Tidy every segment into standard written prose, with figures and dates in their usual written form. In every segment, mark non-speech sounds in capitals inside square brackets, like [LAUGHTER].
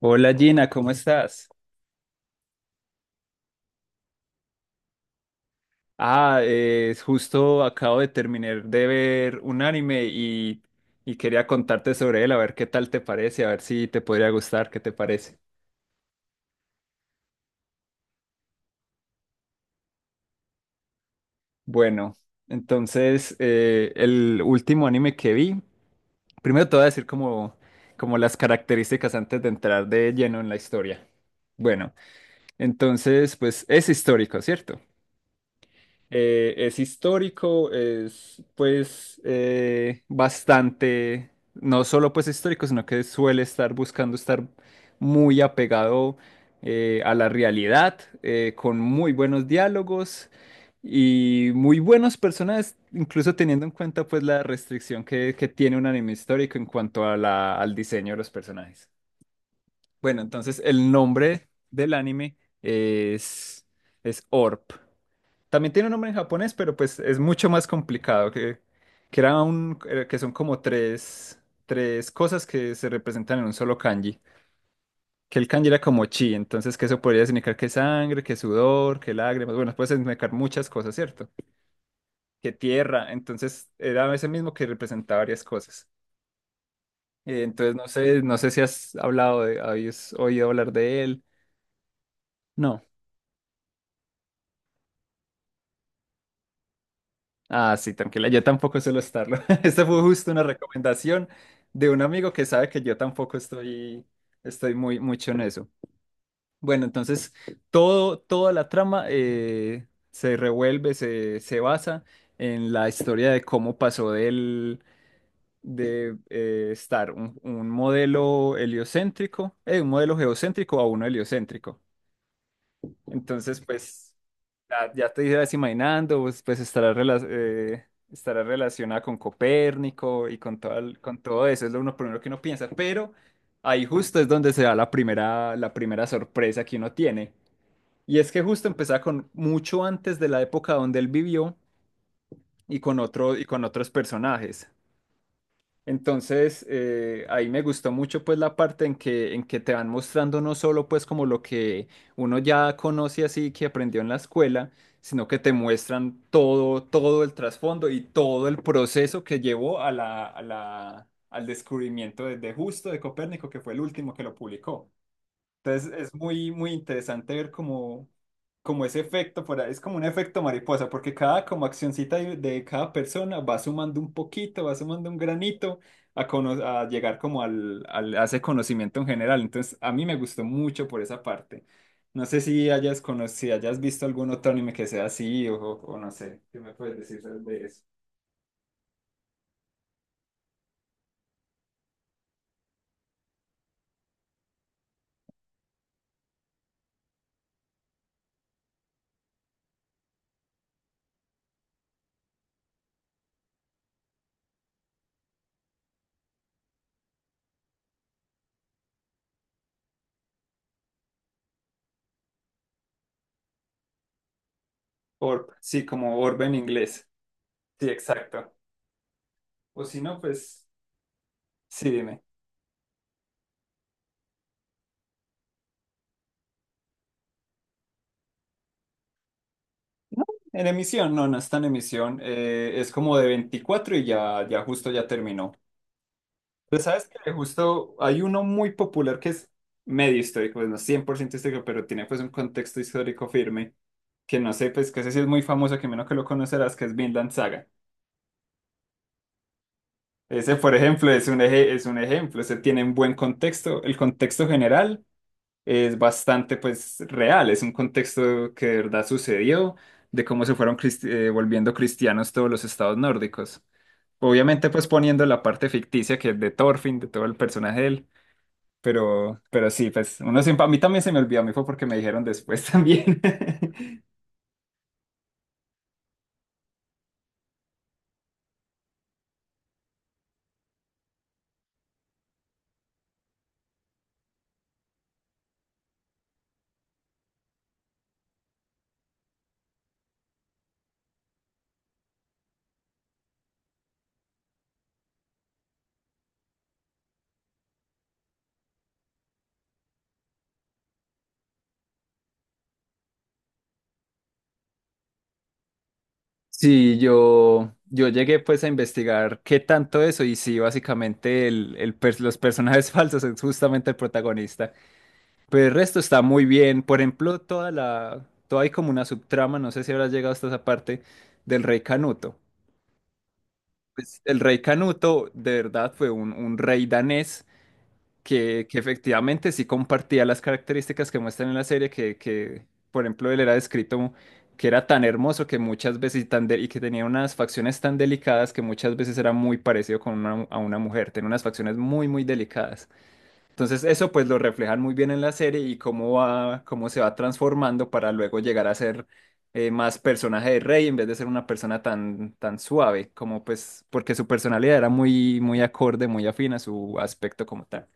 Hola Gina, ¿cómo estás? Justo acabo de terminar de ver un anime y quería contarte sobre él, a ver qué tal te parece, a ver si te podría gustar, ¿qué te parece? Bueno, entonces el último anime que vi, primero te voy a decir como las características antes de entrar de lleno en la historia. Bueno, entonces pues es histórico, ¿cierto? Es histórico, es pues bastante, no solo pues histórico, sino que suele estar buscando estar muy apegado a la realidad, con muy buenos diálogos y muy buenos personajes, incluso teniendo en cuenta pues la restricción que tiene un anime histórico en cuanto a al diseño de los personajes. Bueno, entonces el nombre del anime es, es Orp. También tiene un nombre en japonés, pero pues es mucho más complicado, que era un que son como tres cosas que se representan en un solo kanji. Que el kanji era como chi, entonces que eso podría significar que sangre, que sudor, que lágrimas, bueno, puede significar muchas cosas, ¿cierto? Que tierra, entonces era ese mismo que representaba varias cosas. Entonces no sé si has habías oído hablar de él. No. Ah, sí, tranquila, yo tampoco suelo estarlo. [LAUGHS] Esta fue justo una recomendación de un amigo que sabe que yo tampoco estoy muy mucho en eso. Bueno, entonces toda la trama se basa en la historia de cómo pasó de estar un modelo heliocéntrico, un modelo geocéntrico a uno heliocéntrico. Entonces, pues... Ya, ya te ibas imaginando, pues, pues estará relacionada con Copérnico y con todo, con todo eso, es lo uno primero que uno piensa, pero ahí justo es donde se da la primera sorpresa que uno tiene. Y es que justo empezaba con mucho antes de la época donde él vivió y con otros personajes. Entonces, ahí me gustó mucho pues la parte en que te van mostrando no solo pues como lo que uno ya conoce así que aprendió en la escuela, sino que te muestran todo el trasfondo y todo el proceso que llevó a al descubrimiento de Justo de Copérnico, que fue el último que lo publicó. Entonces es muy interesante ver como ese efecto, por ahí, es como un efecto mariposa, porque cada como accioncita de cada persona va sumando un poquito, va sumando un granito a llegar como a ese conocimiento en general. Entonces a mí me gustó mucho por esa parte. No sé si hayas conocido, hayas visto algún otro anime que sea así no sé, ¿qué me puedes decir de eso? Orb, sí, como Orb en inglés. Sí, exacto. O si no, pues sí, dime. No, en emisión, no, no está en emisión. Es como de 24 y ya justo ya terminó. Pues sabes que justo hay uno muy popular que es medio histórico, pues no 100% histórico, pero tiene pues un contexto histórico firme, que no sé, pues que ese sí es muy famoso, que menos que lo conocerás, que es Vinland Saga. Ese, por ejemplo, es es un ejemplo, ese tiene un buen contexto. El contexto general es bastante pues real, es un contexto que de verdad sucedió, de cómo se fueron volviendo cristianos todos los estados nórdicos. Obviamente, pues poniendo la parte ficticia que es de Thorfinn, de todo el personaje de él, pero sí, pues uno siempre, a mí también se me olvidó, a mí fue porque me dijeron después [LAUGHS] también. Sí, yo llegué pues a investigar qué tanto eso y sí, básicamente los personajes [LAUGHS] falsos es justamente el protagonista, pero el resto está muy bien, por ejemplo, toda hay como una subtrama, no sé si habrás llegado hasta esa parte del rey Canuto. Pues, el rey Canuto de verdad fue un rey danés que efectivamente sí compartía las características que muestran en la serie, por ejemplo, él era descrito que era tan hermoso que muchas veces y que tenía unas facciones tan delicadas que muchas veces era muy parecido a una mujer, tenía unas facciones muy delicadas. Entonces eso pues lo reflejan muy bien en la serie y cómo se va transformando para luego llegar a ser más personaje de Rey en vez de ser una persona tan suave, como pues porque su personalidad era muy acorde, muy afín a su aspecto como tal.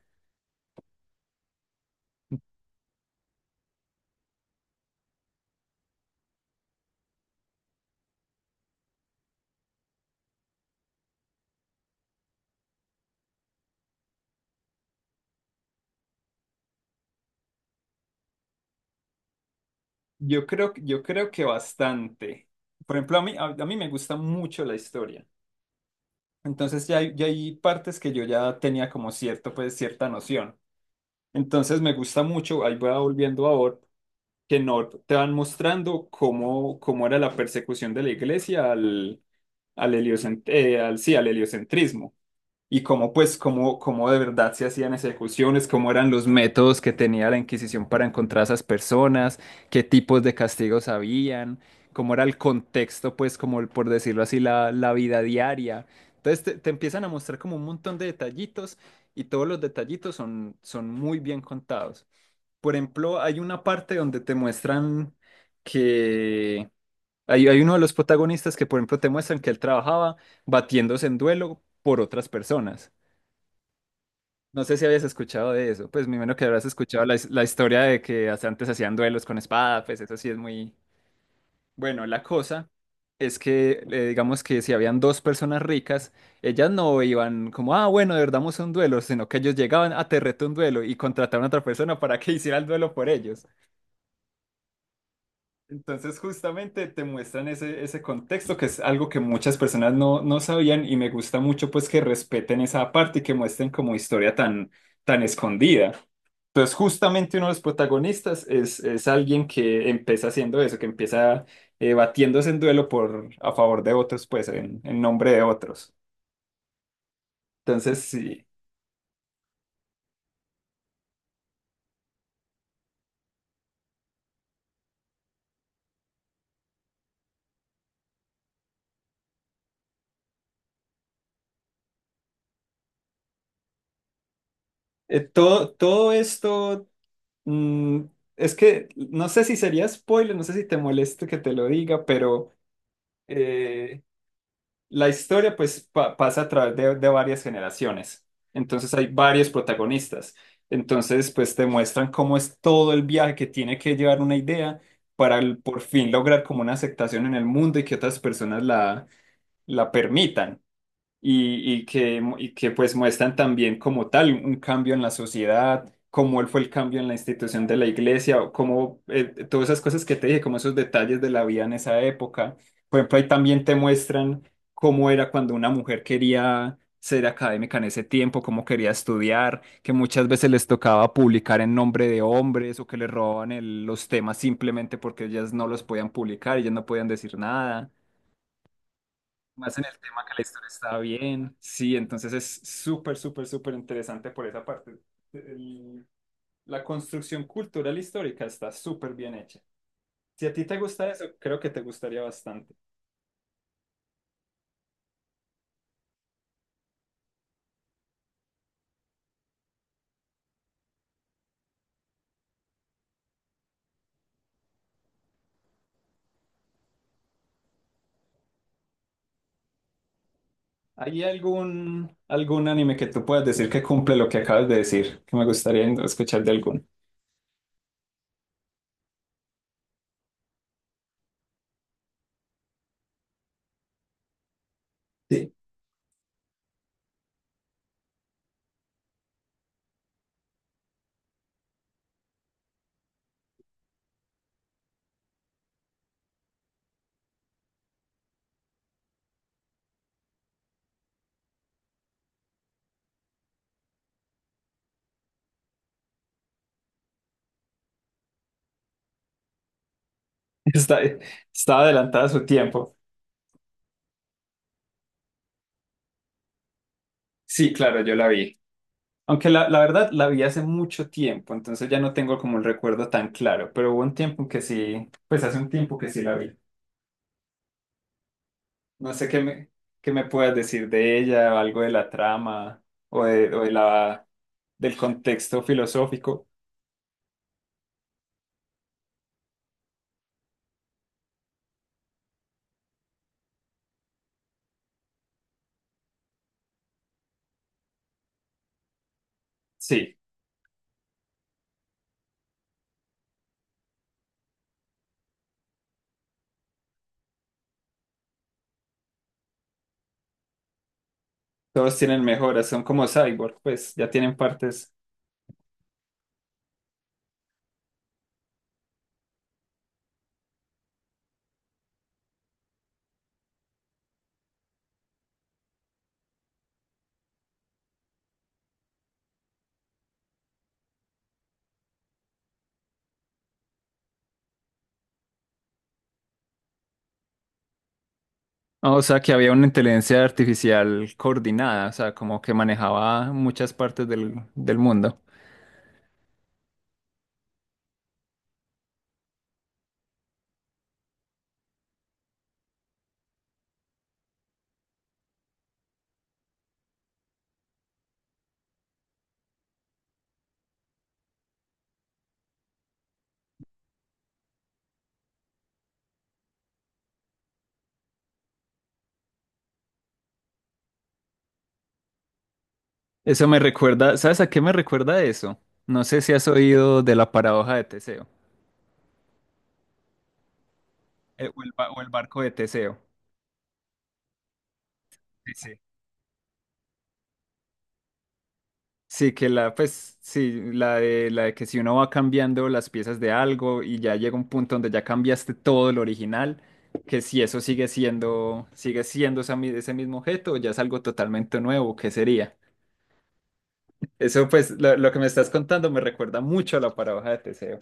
Yo creo que bastante. Por ejemplo, a mí me gusta mucho la historia. Entonces ya hay partes que yo ya tenía como cierto, pues cierta noción. Entonces me gusta mucho, ahí voy volviendo a Orb, que no te van mostrando cómo era la persecución de la iglesia al heliocentrismo y cómo, pues, cómo de verdad se hacían ejecuciones, cómo eran los métodos que tenía la Inquisición para encontrar a esas personas, qué tipos de castigos habían, cómo era el contexto, pues, como por decirlo así, la vida diaria. Entonces te empiezan a mostrar como un montón de detallitos y todos los detallitos son muy bien contados. Por ejemplo, hay una parte donde te muestran que hay uno de los protagonistas que, por ejemplo, te muestran que él trabajaba batiéndose en duelo por otras personas. No sé si habías escuchado de eso, pues me imagino que habrás escuchado la historia de que hasta antes hacían duelos con espada, pues eso sí es muy... Bueno, la cosa es que digamos que si habían dos personas ricas, ellas no iban como, ah, bueno, de verdad vamos a un duelo, sino que ellos llegaban a te reto un duelo y contrataban a otra persona para que [LAUGHS] hiciera el duelo por ellos. Entonces justamente te muestran ese contexto que es algo que muchas personas no sabían y me gusta mucho pues que respeten esa parte y que muestren como historia tan, tan escondida. Entonces justamente uno de los protagonistas es alguien que empieza haciendo eso, que empieza batiéndose en duelo por, a favor de otros, pues en nombre de otros. Entonces sí, todo esto mm, es que no sé si sería spoiler, no sé si te moleste que te lo diga, pero... eh, La historia pues pasa a través de varias generaciones, entonces hay varios protagonistas, entonces pues te muestran cómo es todo el viaje que tiene que llevar una idea para por fin lograr como una aceptación en el mundo y que otras personas la permitan y, y que pues muestran también como tal un cambio en la sociedad, cómo él fue el cambio en la institución de la iglesia, o cómo todas esas cosas que te dije, como esos detalles de la vida en esa época. Por ejemplo, ahí también te muestran cómo era cuando una mujer quería ser académica en ese tiempo, cómo quería estudiar, que muchas veces les tocaba publicar en nombre de hombres o que les robaban los temas simplemente porque ellas no los podían publicar, ellas no podían decir nada más en el tema que la historia está bien. Sí, entonces es súper, súper, súper interesante por esa parte. El- la construcción cultural histórica está súper bien hecha. Si a ti te gusta eso, creo que te gustaría bastante. ¿Hay algún anime que tú puedas decir que cumple lo que acabas de decir? Que me gustaría escuchar de alguno. Sí. [LAUGHS] Está, Estaba adelantada a su tiempo. Sí, claro, yo la vi. Aunque la verdad la vi hace mucho tiempo, entonces ya no tengo como el recuerdo tan claro, pero hubo un tiempo que sí, pues hace un tiempo que sí la vi. No sé qué me puedas decir de ella, o algo de la trama o de del contexto filosófico. Sí, todos tienen mejoras, son como cyborg, pues ya tienen partes. Ah, o sea, que había una inteligencia artificial coordinada, o sea, como que manejaba muchas partes del mundo. Eso me recuerda, ¿sabes a qué me recuerda eso? No sé si has oído de la paradoja de Teseo, o el barco de Teseo. Sí, sí. Sí, que la, pues, sí, la de que si uno va cambiando las piezas de algo y ya llega un punto donde ya cambiaste todo el original, que si eso sigue siendo esa ese mismo objeto, ya es algo totalmente nuevo, ¿qué sería? Eso, pues, lo que me estás contando me recuerda mucho a la paradoja de Teseo.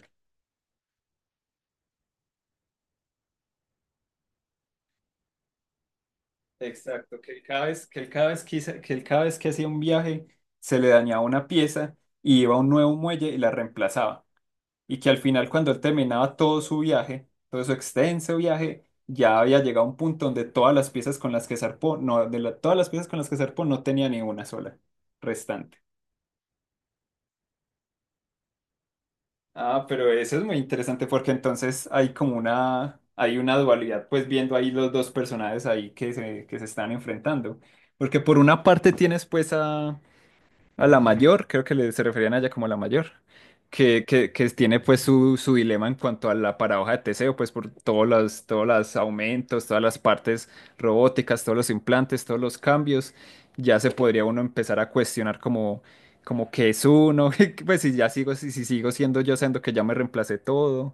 Exacto, que él cada vez, que él cada vez que, hice- que él cada vez que hacía un viaje se le dañaba una pieza y iba a un nuevo muelle y la reemplazaba. Y que al final cuando él terminaba todo su viaje, todo su extenso viaje, ya había llegado a un punto donde todas las piezas con las que zarpó, no, de la- todas las piezas con las que zarpó no tenía ni una sola restante. Ah, pero eso es muy interesante porque entonces hay como hay una dualidad, pues viendo ahí los dos personajes ahí que se están enfrentando. Porque por una parte tienes pues a la mayor, creo que se referían a ella como la mayor, que tiene pues su dilema en cuanto a la paradoja de Teseo, pues por todos todos los aumentos, todas las partes robóticas, todos los implantes, todos los cambios, ya se podría uno empezar a cuestionar como qué es uno, [LAUGHS] pues si ya sigo, si sigo siendo yo, siendo que ya me reemplacé todo.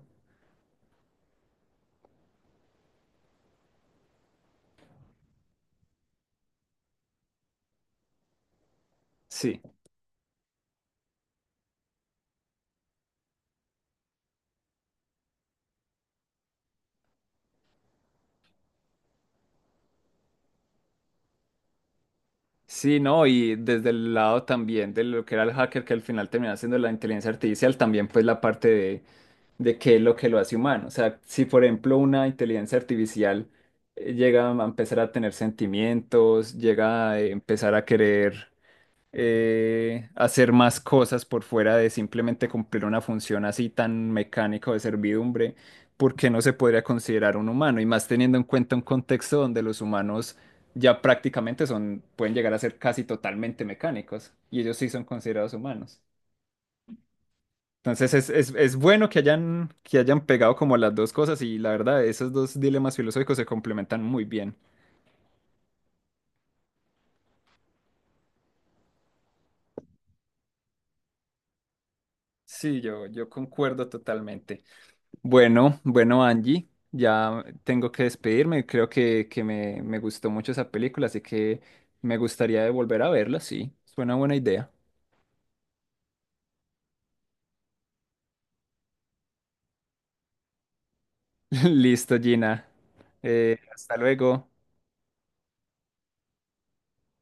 Sí. Sí, no, y desde el lado también de lo que era el hacker, que al final termina siendo la inteligencia artificial, también pues la parte de qué es lo que lo hace humano. O sea, si por ejemplo una inteligencia artificial llega a empezar a tener sentimientos, llega a empezar a querer hacer más cosas por fuera de simplemente cumplir una función así tan mecánica o de servidumbre, porque no se podría considerar un humano? Y más teniendo en cuenta un contexto donde los humanos ya prácticamente pueden llegar a ser casi totalmente mecánicos, y ellos sí son considerados humanos. Entonces es bueno que que hayan pegado como las dos cosas y la verdad, esos dos dilemas filosóficos se complementan muy bien. Sí, yo concuerdo totalmente. Bueno, bueno, Angie, ya tengo que despedirme. Creo me gustó mucho esa película, así que me gustaría de volver a verla, sí. Suena buena idea. [LAUGHS] Listo, Gina. Hasta luego.